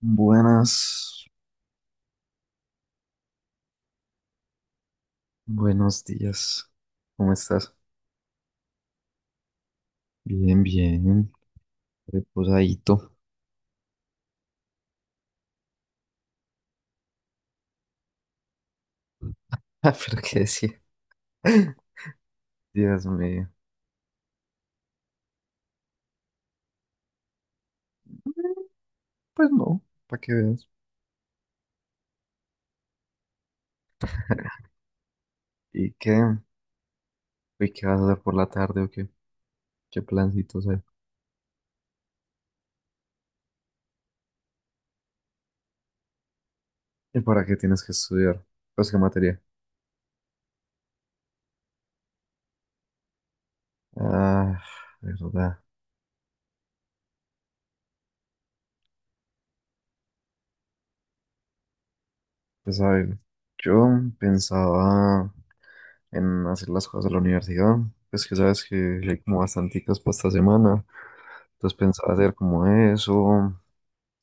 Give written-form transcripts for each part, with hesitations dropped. Buenas, buenos días. ¿Cómo estás? Bien, bien, reposadito. Ah, pero qué decir. Dios mío. Pues no, para que veas. ¿Y qué? ¿Y qué vas a hacer por la tarde o qué? ¿Qué plancitos hay? ¿Y para qué tienes que estudiar? Pues qué materia. Ah, verdad. Pues a ver, yo pensaba en hacer las cosas de la universidad. Pues que sabes que hay como bastanticas para esta semana. Entonces pensaba hacer como eso.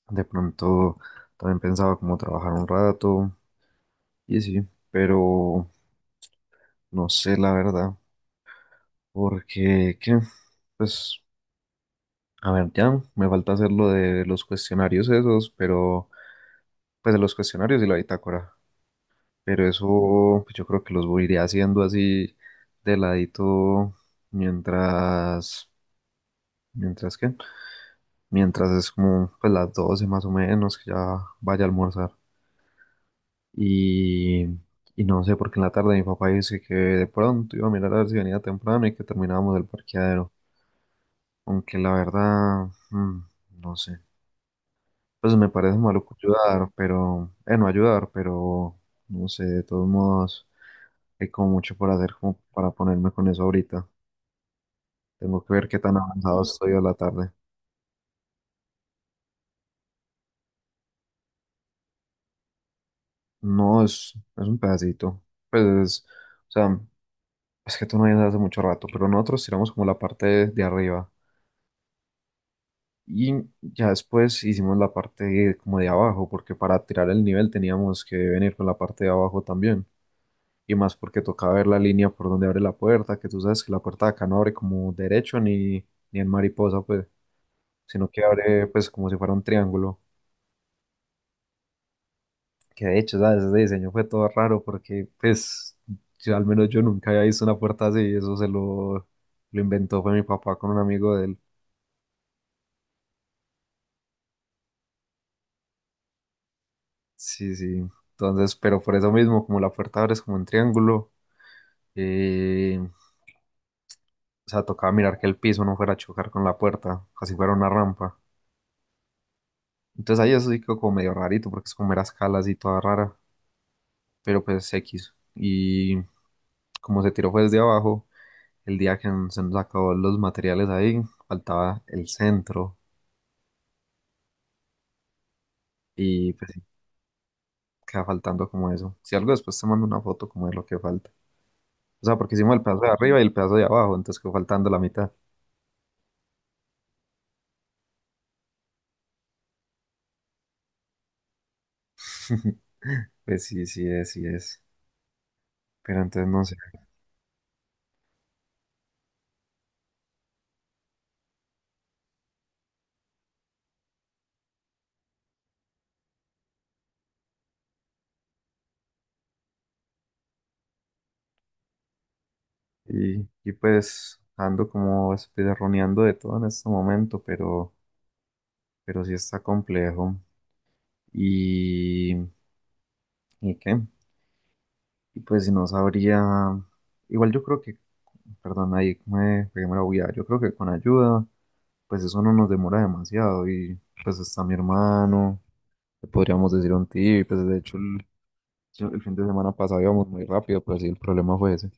De pronto también pensaba como trabajar un rato y sí, pero no sé la verdad, porque qué, pues a ver, ya me falta hacer lo de los cuestionarios esos, pero pues de los cuestionarios y la bitácora, pero eso pues, yo creo que los voy a ir haciendo así de ladito mientras, mientras que, mientras es como pues las 12 más o menos que ya vaya a almorzar. Y, y no sé, porque en la tarde mi papá dice que de pronto iba a mirar a ver si venía temprano y que terminábamos el parqueadero. Aunque la verdad, no sé. Pues me parece maluco ayudar, pero, no ayudar, pero no sé, de todos modos, hay como mucho por hacer como para ponerme con eso ahorita. Tengo que ver qué tan avanzado estoy a la tarde. No, es un pedacito. Pues, o sea, es que tú no vienes hace mucho rato, pero nosotros tiramos como la parte de arriba. Y ya después hicimos como de abajo, porque para tirar el nivel teníamos que venir con la parte de abajo también. Y más porque tocaba ver la línea por donde abre la puerta, que tú sabes que la puerta de acá no abre como derecho ni en mariposa, pues, sino que abre pues como si fuera un triángulo. Que de hecho, ¿sabes? Ese diseño fue todo raro porque pues yo, al menos yo nunca había visto una puerta así y lo inventó fue mi papá con un amigo de él. Sí, sí. Entonces, pero por eso mismo, como la puerta abre es como en triángulo. O sea, tocaba mirar que el piso no fuera a chocar con la puerta, así fuera una rampa. Entonces ahí eso sí quedó como medio rarito, porque es como era escalas y toda rara, pero pues X. Y como se tiró fue desde abajo, el día que se nos acabó los materiales ahí, faltaba el centro y pues sí, queda faltando como eso. Si algo después te mando una foto como de lo que falta. O sea, porque hicimos el pedazo de arriba y el pedazo de abajo, entonces quedó faltando la mitad. Pues sí, sí es. Pero entonces no sé. Y pues ando como espirroneando de todo en este momento, pero sí está complejo. Y, ¿Y qué? Y pues si no sabría, igual yo creo que, perdón, ahí me pegué la bulla. Yo creo que con ayuda, pues eso no nos demora demasiado. Y pues está mi hermano, le podríamos decir un tío, y pues de hecho el fin de semana pasado íbamos muy rápido, pero sí el problema fue ese.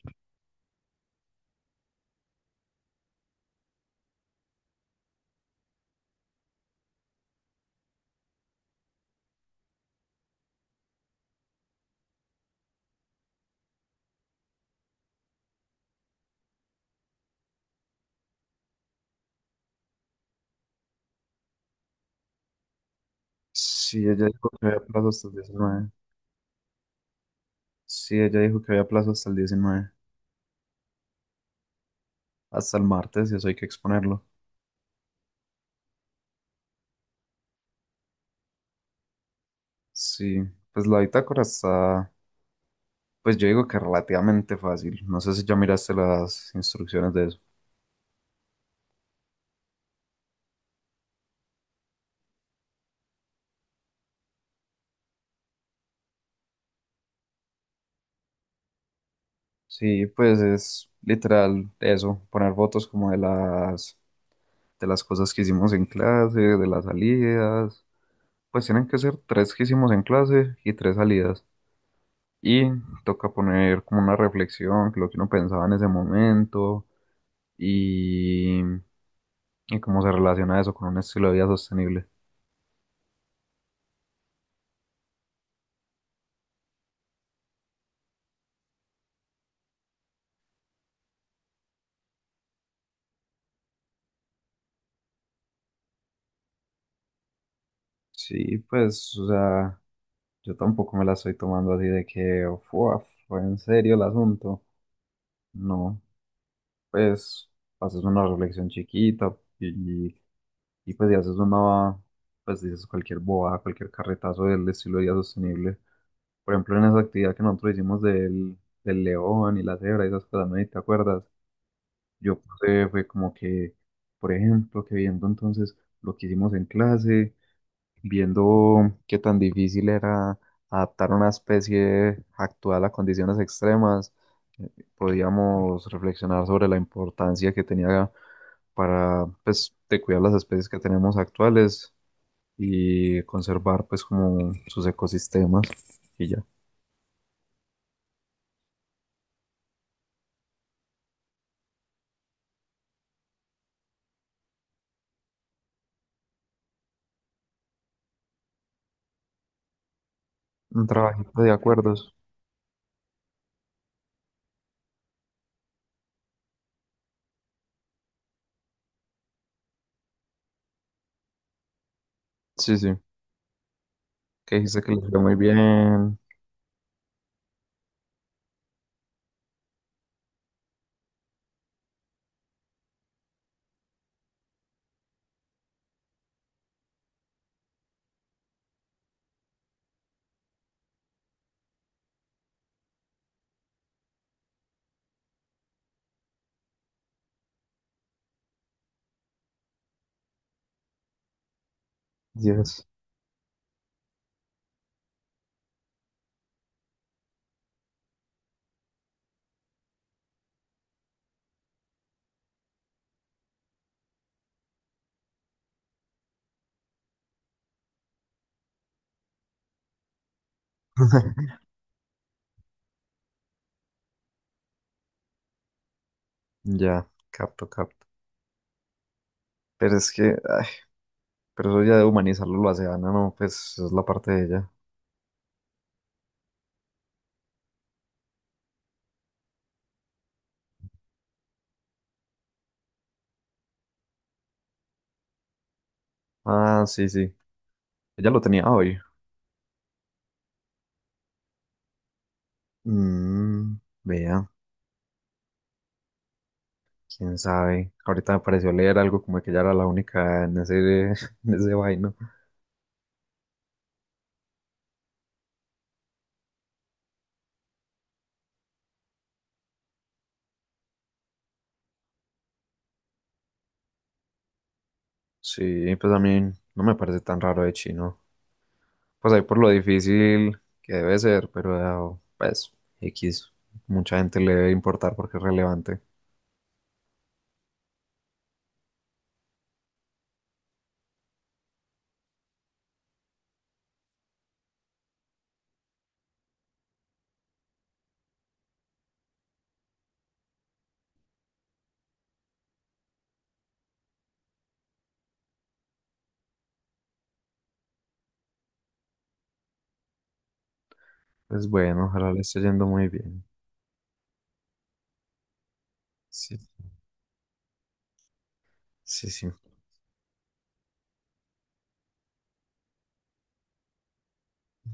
Sí, ella dijo que había plazo hasta el 19. Sí, ella dijo que había plazo hasta el 19. Hasta el martes y eso hay que exponerlo. Sí, pues pues yo digo que relativamente fácil. No sé si ya miraste las instrucciones de eso. Sí, pues es literal eso, poner fotos como de las cosas que hicimos en clase, de las salidas. Pues tienen que ser tres que hicimos en clase y tres salidas. Y toca poner como una reflexión, lo que uno pensaba en ese momento y, y cómo se relaciona eso con un estilo de vida sostenible. Sí, pues, o sea, yo tampoco me la estoy tomando así de que, "Fua, fue en serio el asunto. No, pues, haces una reflexión chiquita y pues, y pues, dices cualquier boba, cualquier carretazo del estilo de vida sostenible. Por ejemplo, en esa actividad que nosotros hicimos del león y la cebra y esas cosas, ¿no? ¿Y te acuerdas? Yo puse, fue como que, por ejemplo, que viendo entonces lo que hicimos en clase, viendo qué tan difícil era adaptar una especie actual a condiciones extremas, eh, podíamos reflexionar sobre la importancia que tenía para, pues, de cuidar las especies que tenemos actuales y conservar, pues, como sus ecosistemas y ya. Un trabajito de acuerdos. Sí, sí. Que dijiste que les fue muy bien. Yes. Ya, capto, capto. Pero es que, ay, pero eso ya de humanizarlo lo hace Ana, no, pues es la parte de ella. Ah, sí, sí. Ella lo tenía hoy. Mm, vea, quién sabe. Ahorita me pareció leer algo como que ella era la única en ese, en ese vaino. Sí, pues a mí no me parece tan raro de chino. Pues ahí por lo difícil que debe ser, pero pues X. Mucha gente le debe importar porque es relevante. Pues bueno, ojalá le esté yendo muy bien. Sí, sí, sí.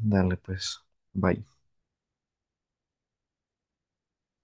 Dale, pues. Bye.